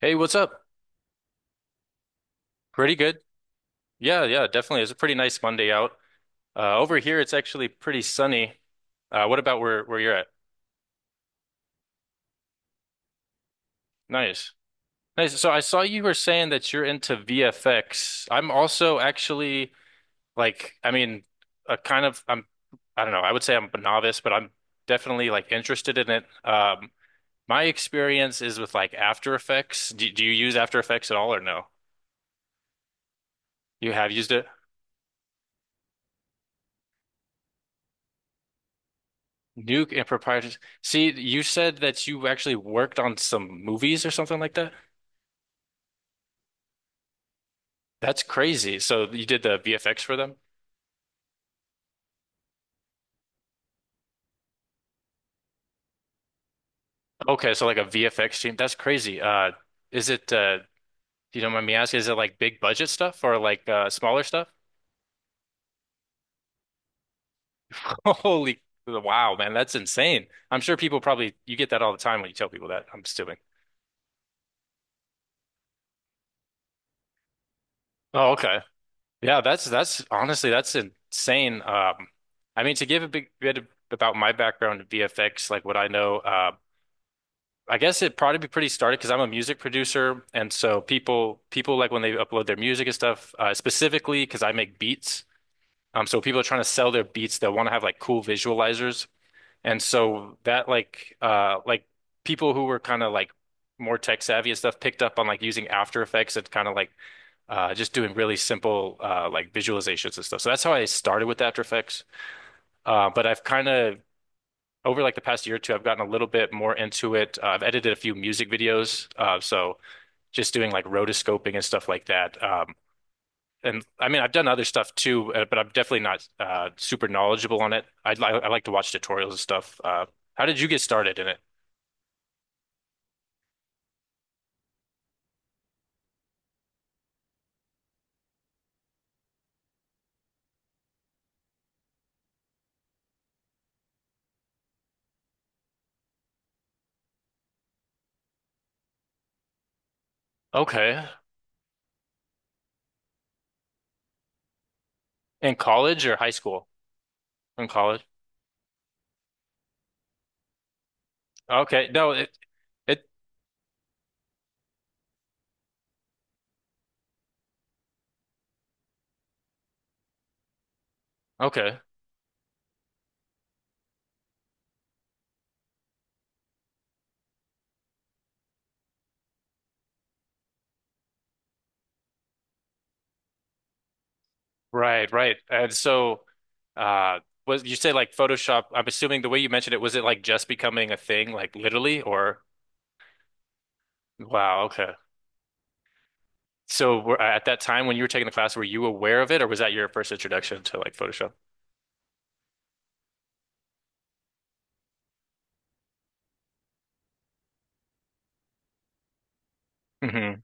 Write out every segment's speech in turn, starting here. Hey, what's up? Pretty good. Yeah, yeah, definitely. It's a pretty nice Monday out. Over here, it's actually pretty sunny. What about where you're at? Nice, nice. So I saw you were saying that you're into VFX. I'm also actually like, I mean, a kind of I'm, I don't know. I would say I'm a novice, but I'm definitely like interested in it. My experience is with like After Effects. Do you use After Effects at all or no? You have used it? Nuke and proprietors. See, you said that you actually worked on some movies or something like that. That's crazy. So you did the VFX for them? Okay, so like a VFX team. That's crazy. Is it? You don't mind me asking? Is it like big budget stuff or like smaller stuff? Holy wow, man, that's insane. I'm sure people probably you get that all the time when you tell people that. I'm assuming. Oh, okay. Yeah, that's honestly that's insane. I mean, to give a big bit about my background in VFX, like what I know. I guess it'd probably be pretty started because I'm a music producer, and so people like when they upload their music and stuff, specifically because I make beats. So people are trying to sell their beats. They'll want to have like cool visualizers, and so that like people who were kind of like more tech savvy and stuff picked up on like using After Effects and kind of like just doing really simple like visualizations and stuff. So that's how I started with After Effects. But I've kind of over like the past year or two, I've gotten a little bit more into it. I've edited a few music videos, so just doing like rotoscoping and stuff like that. And I mean, I've done other stuff too, but I'm definitely not super knowledgeable on it. I like to watch tutorials and stuff. How did you get started in it? Okay, in college or high school? In college. Okay, no, it okay. Right, right. And so, uh, was you say like Photoshop? I'm assuming the way you mentioned it, was it like just becoming a thing, like literally, or? Wow, okay. So were, at that time when you were taking the class, were you aware of it, or was that your first introduction to like Photoshop? Hmm.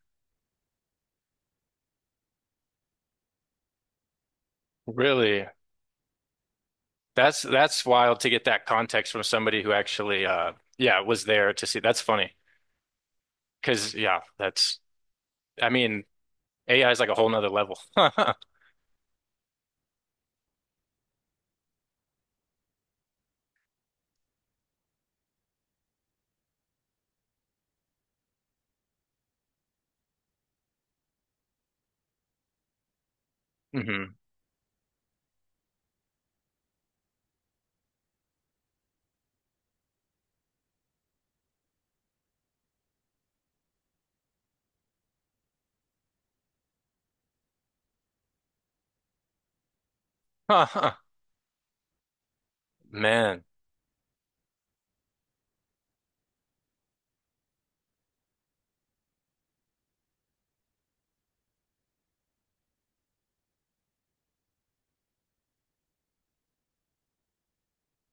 Really? That's wild to get that context from somebody who actually, yeah, was there to see. That's funny because I mean, AI is like a whole nother level. Hmm. Huh. Man,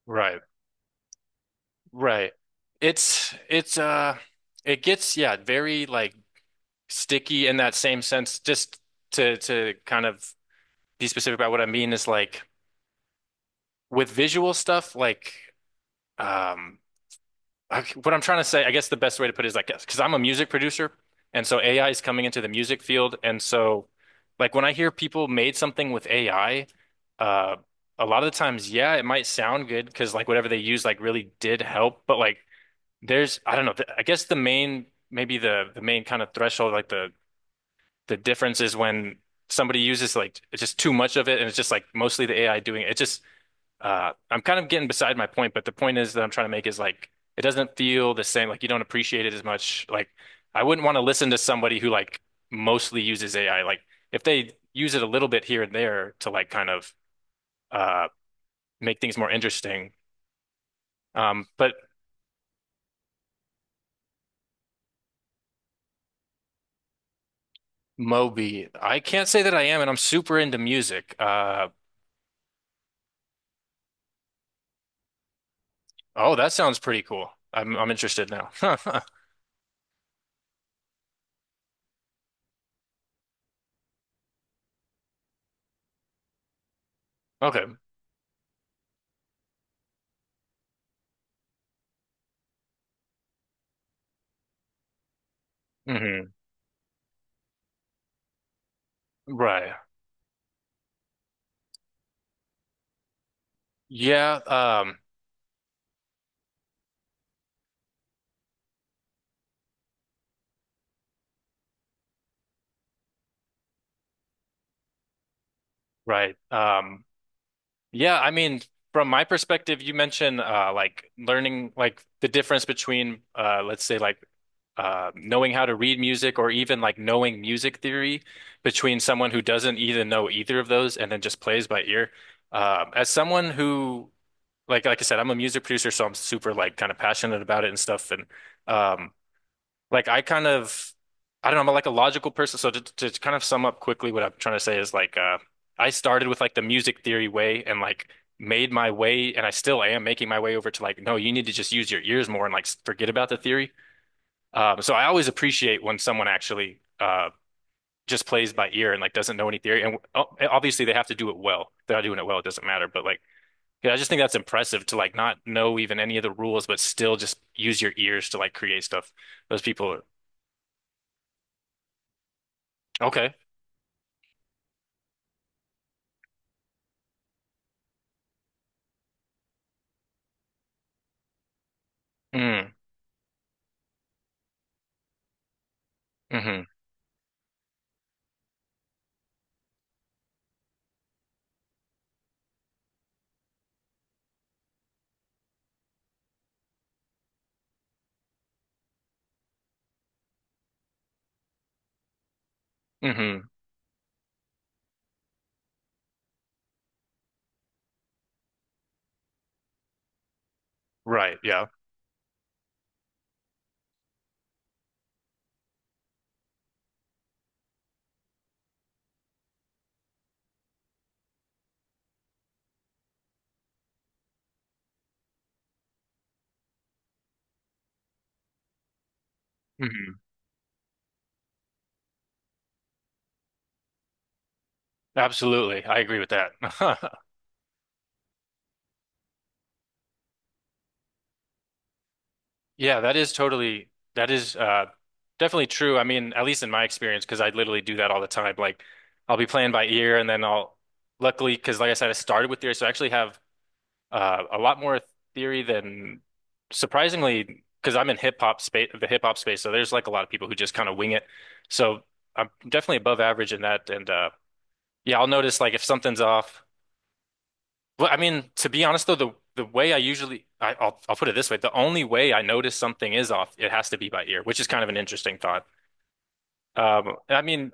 right, right. It's it's uh, it gets yeah, very like sticky in that same sense. Just to kind of be specific about what I mean is like. With visual stuff, like um, what I'm trying to say, I guess the best way to put it is like, because I'm a music producer, and so AI is coming into the music field, and so like when I hear people made something with AI, uh, a lot of the times, yeah, it might sound good because like whatever they use like really did help, but like there's I don't know, I guess the main maybe the main kind of threshold, like the difference is when somebody uses like it's just too much of it, and it's just like mostly the AI doing it. It just I'm kind of getting beside my point, but the point is that I'm trying to make is like it doesn't feel the same. Like you don't appreciate it as much. Like I wouldn't want to listen to somebody who like mostly uses AI. Like if they use it a little bit here and there to like kind of uh, make things more interesting. But Moby, I can't say that I am, and I'm super into music. Oh, that sounds pretty cool. I'm interested now. Okay. Hmm. Right. Yeah. Right. Yeah, I mean, from my perspective, you mentioned like learning like the difference between let's say like knowing how to read music or even like knowing music theory between someone who doesn't even know either of those and then just plays by ear. As someone who like I said, I'm a music producer, so I'm super like kind of passionate about it and stuff. And um, like I kind of, I don't know, I'm like a logical person. So to kind of sum up quickly, what I'm trying to say is like, I started with like the music theory way and like made my way, and I still am making my way over to like, no, you need to just use your ears more and like forget about the theory. So I always appreciate when someone actually just plays by ear and like doesn't know any theory. And oh, obviously they have to do it well. If they're not doing it well, it doesn't matter. But like, yeah, I just think that's impressive to like not know even any of the rules, but still just use your ears to like create stuff. Those people are okay. Mm. Hmm. Hmm. Right. Yeah. Hmm. Absolutely. I agree with that. Yeah, that is totally, that is definitely true. I mean, at least in my experience, because I literally do that all the time. Like, I'll be playing by ear, and then luckily, because like I said, I started with theory, so I actually have a lot more theory than surprisingly, because I'm in hip hop space. So there's like a lot of people who just kind of wing it. So I'm definitely above average in that. And yeah, I'll notice like if something's off. Well, I mean, to be honest though, the way I usually I'll put it this way, the only way I notice something is off, it has to be by ear, which is kind of an interesting thought. I mean,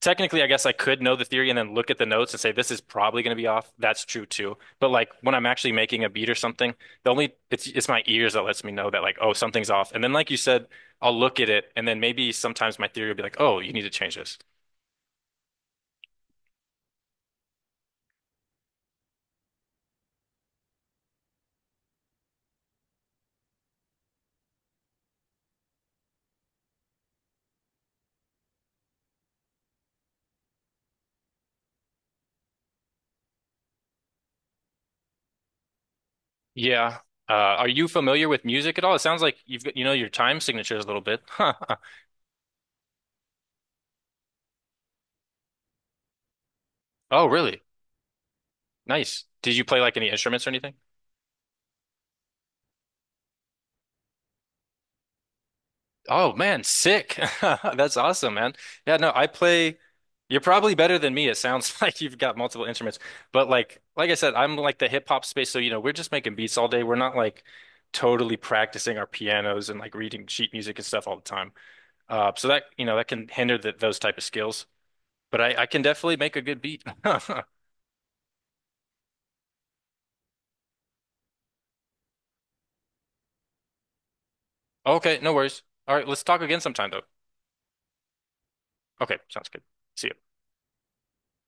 technically, I guess I could know the theory and then look at the notes and say this is probably going to be off. That's true too. But like when I'm actually making a beat or something, the only it's my ears that lets me know that like oh something's off. And then like you said, I'll look at it and then maybe sometimes my theory will be like oh you need to change this. Yeah. Are you familiar with music at all? It sounds like you've got you know your time signatures a little bit. Huh. Oh, really? Nice. Did you play like any instruments or anything? Oh man, sick. That's awesome, man. Yeah, no, I play you're probably better than me. It sounds like you've got multiple instruments. But like I said, I'm like the hip hop space, so you know, we're just making beats all day. We're not like totally practicing our pianos and like reading sheet music and stuff all the time. So that, you know, that can hinder those type of skills. But I can definitely make a good beat. Okay, no worries. All right, let's talk again sometime though. Okay, sounds good. See ya.